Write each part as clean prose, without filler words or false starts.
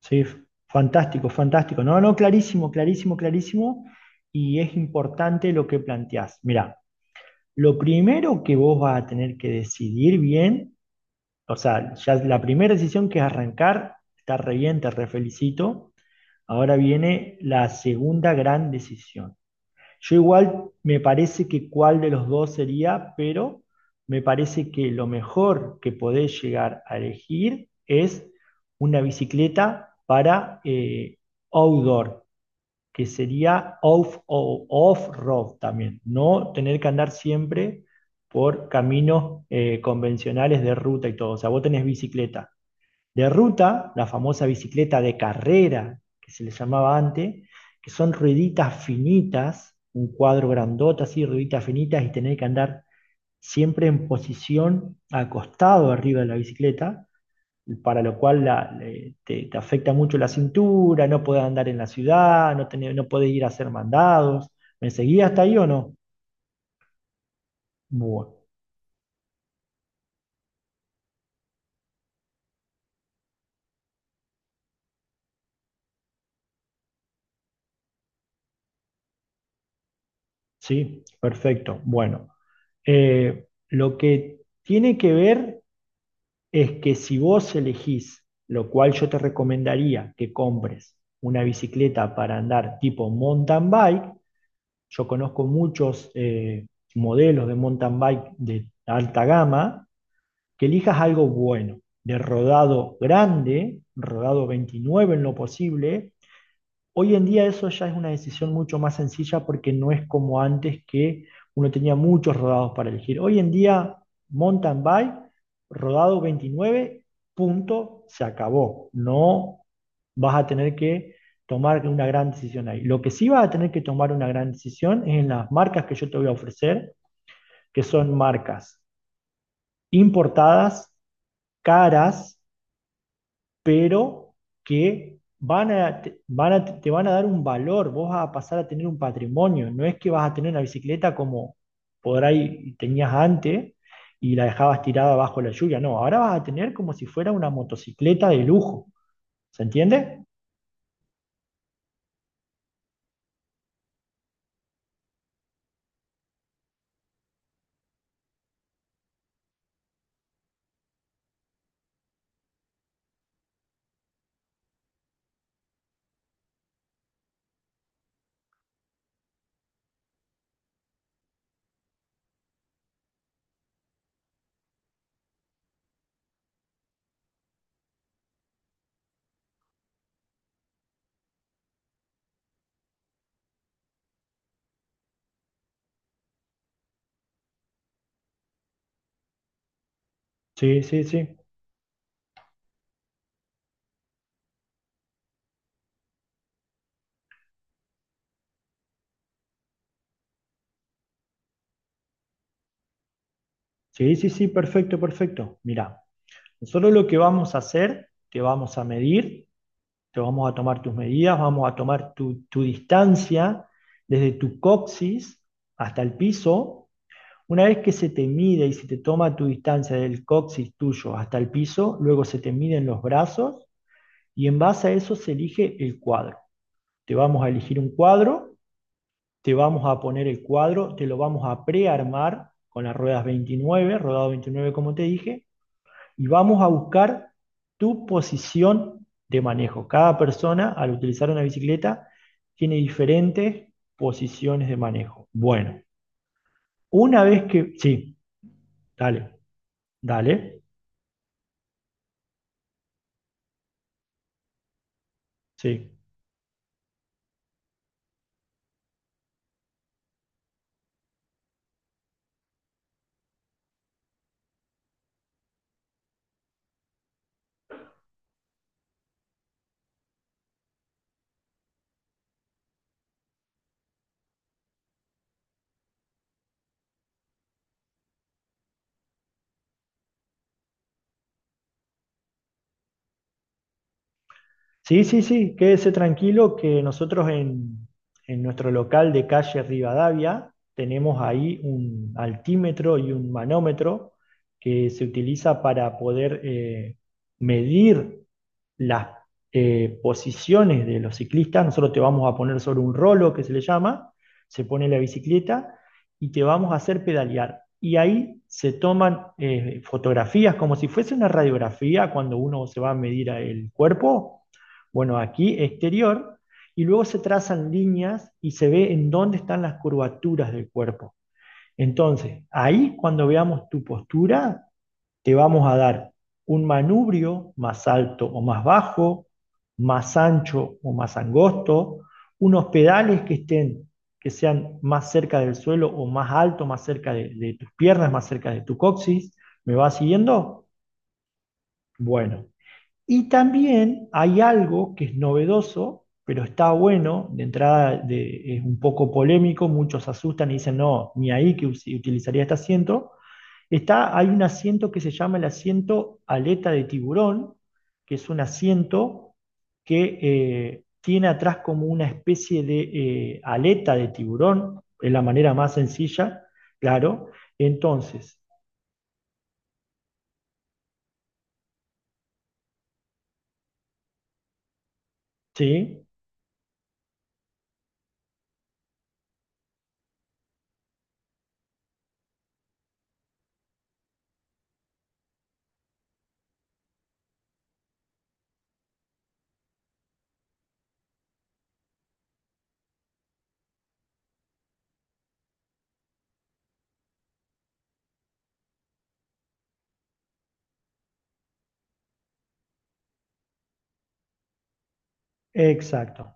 Sí, fantástico, fantástico. No, no, clarísimo, clarísimo, clarísimo. Y es importante lo que planteás. Mirá, lo primero que vos vas a tener que decidir bien, o sea, ya la primera decisión que es arrancar, está re bien, te refelicito. Ahora viene la segunda gran decisión. Yo igual me parece que cuál de los dos sería, pero me parece que lo mejor que podés llegar a elegir es una bicicleta para outdoor, que sería off, off-road también, no tener que andar siempre por caminos convencionales de ruta y todo. O sea, vos tenés bicicleta de ruta, la famosa bicicleta de carrera, que se le llamaba antes, que son rueditas finitas, un cuadro grandota así, rueditas finitas, y tener que andar siempre en posición acostado arriba de la bicicleta, para lo cual te afecta mucho la cintura, no podés andar en la ciudad, no, no podés ir a hacer mandados. ¿Me seguía hasta ahí o no? Bueno, sí, perfecto. Bueno, lo que tiene que ver es que si vos elegís, lo cual yo te recomendaría que compres una bicicleta para andar tipo mountain bike, yo conozco muchos modelos de mountain bike de alta gama, que elijas algo bueno, de rodado grande, rodado 29 en lo posible. Hoy en día eso ya es una decisión mucho más sencilla porque no es como antes que uno tenía muchos rodados para elegir. Hoy en día, mountain bike, rodado 29, punto, se acabó. No vas a tener que tomar una gran decisión ahí. Lo que sí vas a tener que tomar una gran decisión es en las marcas que yo te voy a ofrecer, que son marcas importadas, caras, pero que te van a dar un valor, vos vas a pasar a tener un patrimonio, no es que vas a tener una bicicleta como por ahí tenías antes y la dejabas tirada bajo la lluvia, no, ahora vas a tener como si fuera una motocicleta de lujo, ¿se entiende? Sí, sí, sí, sí, sí, sí, perfecto, perfecto. Mira, nosotros lo que vamos a hacer, te vamos a medir, te vamos a tomar tus medidas, vamos a tomar tu distancia desde tu coxis hasta el piso. Una vez que se te mide y se te toma tu distancia del coxis tuyo hasta el piso, luego se te miden los brazos y en base a eso se elige el cuadro. Te vamos a elegir un cuadro, te vamos a poner el cuadro, te lo vamos a prearmar con las ruedas 29, rodado 29 como te dije, y vamos a buscar tu posición de manejo. Cada persona al utilizar una bicicleta tiene diferentes posiciones de manejo. Bueno, una vez que... Sí, dale, dale. Sí. Sí, sí, sí, quédese tranquilo que nosotros en nuestro local de calle Rivadavia tenemos ahí un altímetro y un manómetro que se utiliza para poder medir las posiciones de los ciclistas. Nosotros te vamos a poner sobre un rolo que se le llama, se pone la bicicleta y te vamos a hacer pedalear. Y ahí se toman fotografías como si fuese una radiografía cuando uno se va a medir el cuerpo bueno, aquí exterior y luego se trazan líneas y se ve en dónde están las curvaturas del cuerpo. Entonces, ahí cuando veamos tu postura, te vamos a dar un manubrio más alto o más bajo, más ancho o más angosto, unos pedales que estén que sean más cerca del suelo o más alto, más cerca de tus piernas, más cerca de tu coxis. ¿Me vas siguiendo? Bueno, y también hay algo que es novedoso, pero está bueno, de entrada es un poco polémico, muchos se asustan y dicen, no, ni ahí que utilizaría este asiento. Está, hay un asiento que se llama el asiento aleta de tiburón, que es un asiento que tiene atrás como una especie de aleta de tiburón, es la manera más sencilla, claro. Entonces, sí, exacto.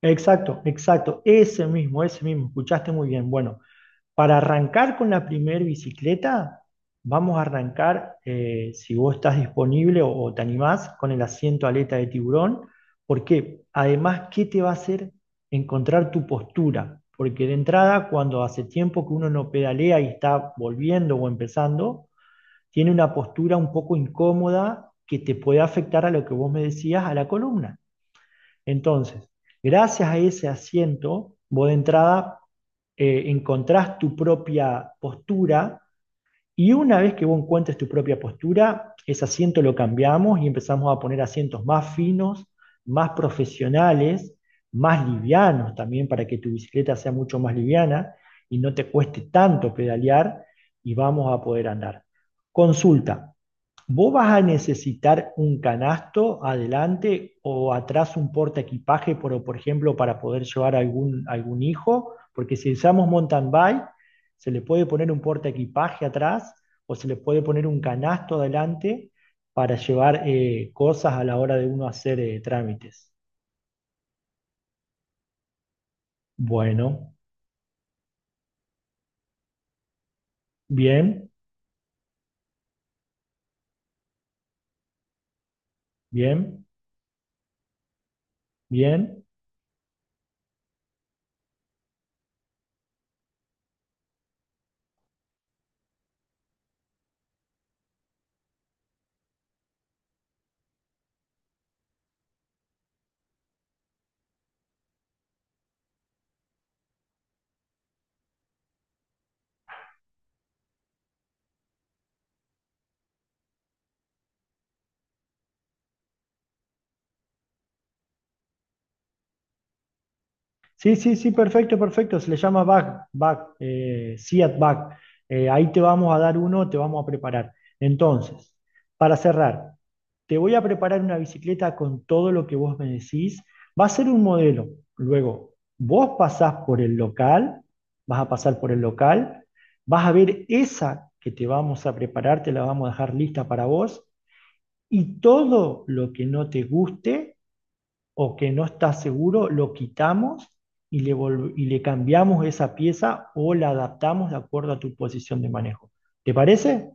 Exacto, exacto, ese mismo, escuchaste muy bien. Bueno, para arrancar con la primer bicicleta, vamos a arrancar, si vos estás disponible o te animás, con el asiento aleta de tiburón, porque además, ¿qué te va a hacer encontrar tu postura? Porque de entrada, cuando hace tiempo que uno no pedalea y está volviendo o empezando, tiene una postura un poco incómoda que te puede afectar a lo que vos me decías, a la columna. Entonces, gracias a ese asiento, vos de entrada encontrás tu propia postura y una vez que vos encuentres tu propia postura, ese asiento lo cambiamos y empezamos a poner asientos más finos, más profesionales, más livianos también para que tu bicicleta sea mucho más liviana y no te cueste tanto pedalear y vamos a poder andar. Consulta, vos vas a necesitar un canasto adelante o atrás un porta equipaje, por ejemplo, para poder llevar algún, algún hijo, porque si usamos mountain bike, se le puede poner un porta equipaje atrás o se le puede poner un canasto adelante para llevar cosas a la hora de uno hacer trámites. Bueno, bien, bien, bien. Sí, sí, sí, perfecto, perfecto. Se le llama back, back, Seat back. Ahí te vamos a dar uno, te vamos a preparar. Entonces, para cerrar, te voy a preparar una bicicleta con todo lo que vos me decís. Va a ser un modelo. Luego, vos pasás por el local, vas a pasar por el local, vas a ver esa que te vamos a preparar, te la vamos a dejar lista para vos y todo lo que no te guste o que no está seguro, lo quitamos y le cambiamos esa pieza o la adaptamos de acuerdo a tu posición de manejo. ¿Te parece?